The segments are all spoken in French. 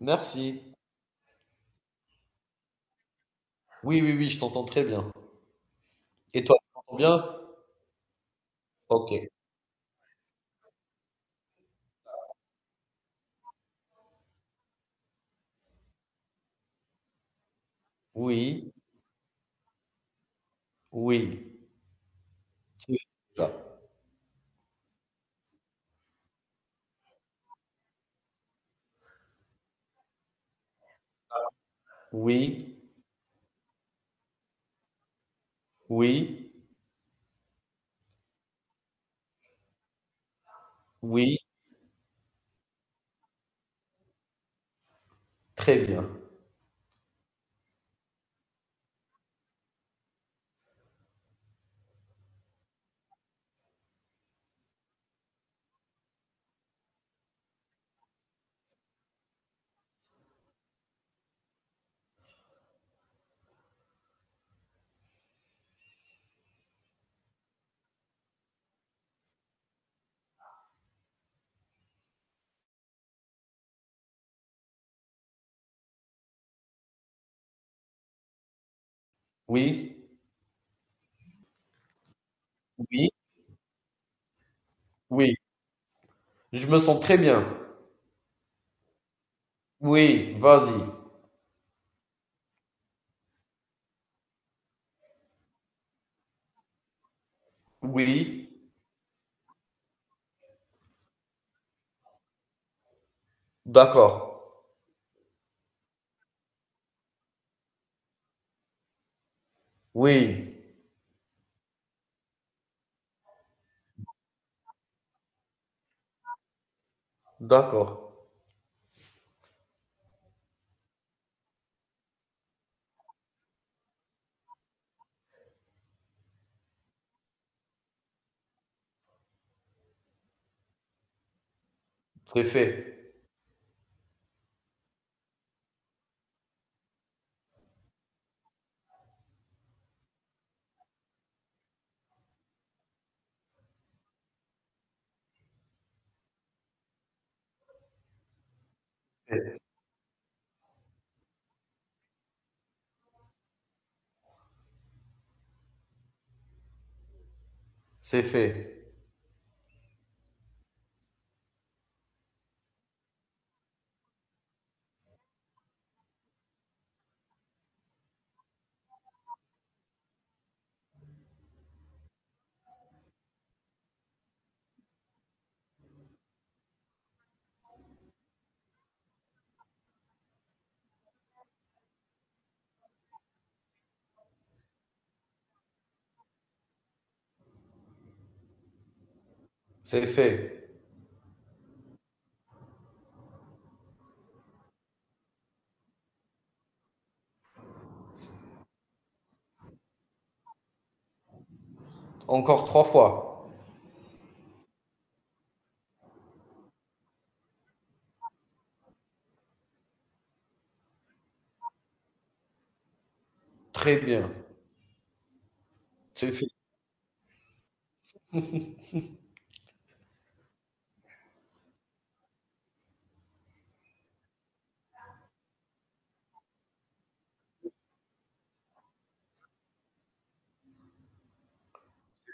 Merci. Oui, oui, oui, je t'entends très bien. Et toi, tu m'entends bien? Ok. Oui, oui. C'est déjà. Oui, oui, oui, très bien. Oui, oui, oui. Je me sens très bien. Oui, vas-y. Oui, d'accord. Oui, d'accord. C'est fait. C'est fait. C'est fait. Encore trois fois. Très bien. C'est fait.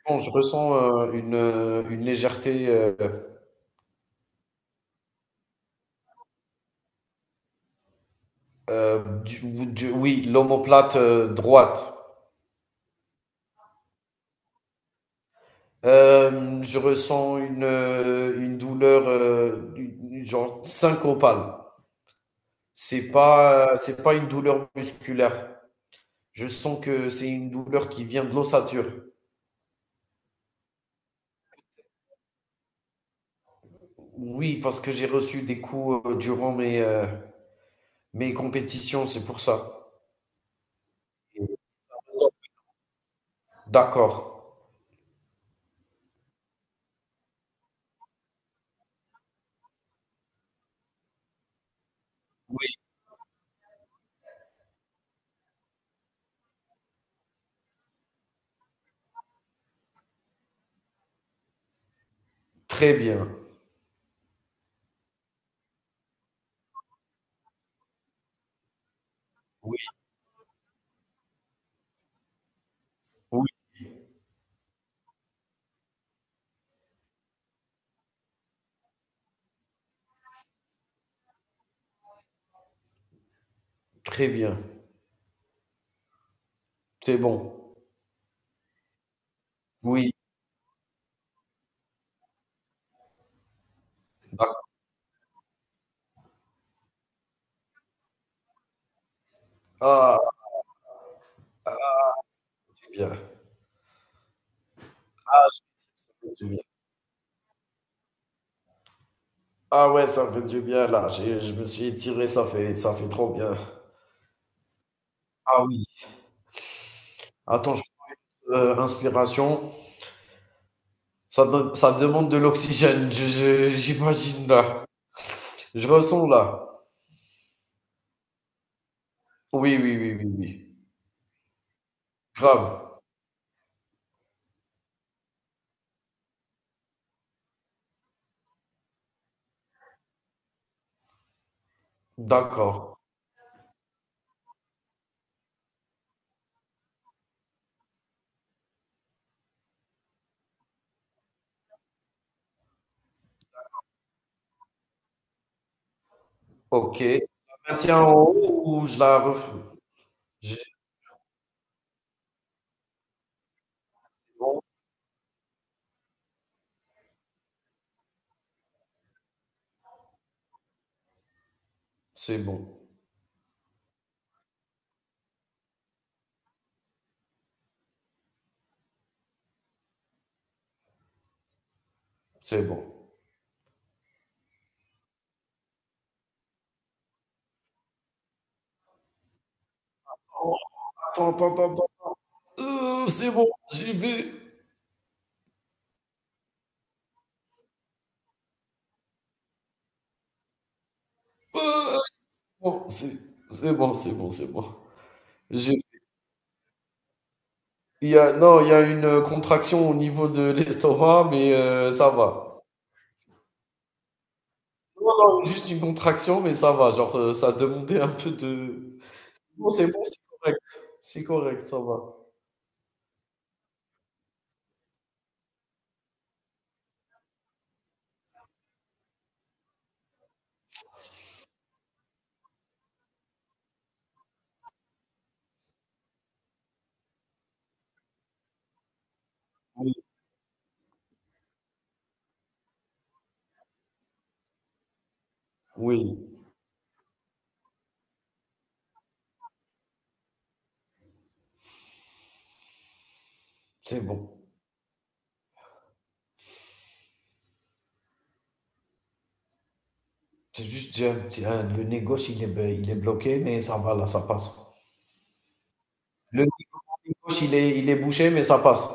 Bon, je ressens une légèreté. Oui, l'omoplate droite. Je ressens une douleur, genre syncopale. C'est pas une douleur musculaire. Je sens que c'est une douleur qui vient de l'ossature. Oui, parce que j'ai reçu des coups durant mes, mes compétitions, c'est pour ça. D'accord. Oui, très bien. Oui, oui, très bien. C'est bon. Oui, d'accord. Ah, c'est bien. C'est bien. Ah ouais, ça me fait du bien là. Je me suis étiré, ça fait trop bien. Ah oui. Attends, inspiration. Ça, ça demande de l'oxygène, j'imagine là. Je ressens là. Oui, oui, oui, oui, oui. Grave. D'accord. Ok. Je la maintiens en haut ou je la refais? J'ai- Bon, c'est bon. C'est bon. Oh, attends, attends, attends. C'est bon, j'y vais. Euh, bon, c'est bon, c'est bon, c'est bon. J'ai Il y a, non, il y a une contraction au niveau de l'estomac, mais ça va. Non, non, juste une contraction, mais ça va. Genre, ça demandait un peu de... Non, c'est bon, c'est correct. C'est correct, ça va. Oui, oui, c'est bon. C'est juste, tiens, tiens, le nez gauche, il est, il est bloqué, mais ça va, là, ça passe. Le nez gauche, il est bouché, mais ça passe.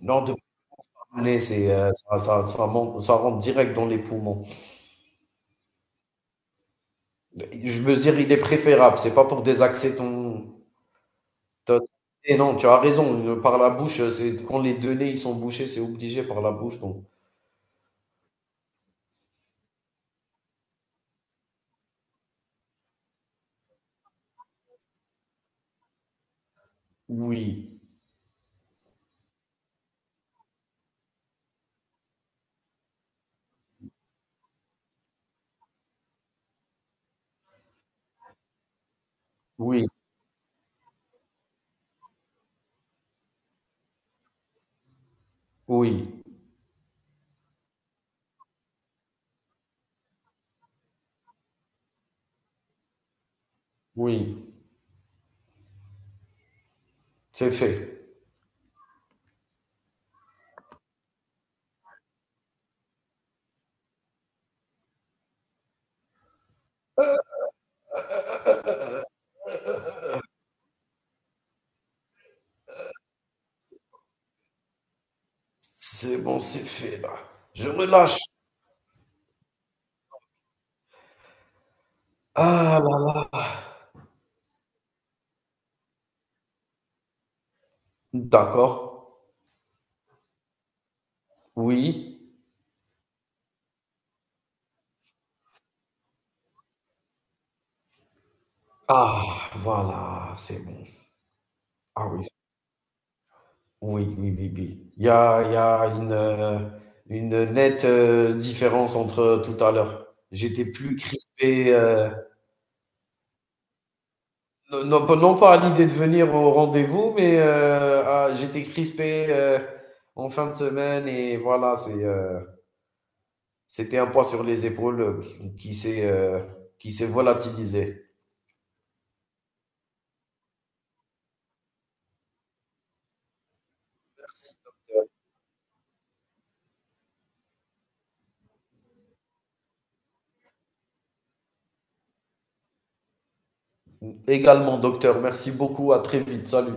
Non, de Le nez, c'est, ça, ça rentre direct dans les poumons. Je veux dire, il est préférable. C'est pas pour désaxer ton. Tu Et non, tu as raison, par la bouche, c'est quand les 2 nez, ils sont bouchés, c'est obligé par la bouche, donc oui, oui, oui, oui, c'est fait. C'est bon, c'est fait là. Je relâche. Ah là là. D'accord, oui. Ah voilà, c'est bon. Ah oui, oui, oui, oui, oui. Il y a une nette, différence entre tout à l'heure. J'étais plus crispé, non, non, pas non pas à l'idée de venir au rendez-vous, mais ah, j'étais crispé en fin de semaine et voilà, c'est, c'était un poids sur les épaules qui qui s'est euh, qui s'est volatilisé. Également, docteur, merci beaucoup, à très vite, salut.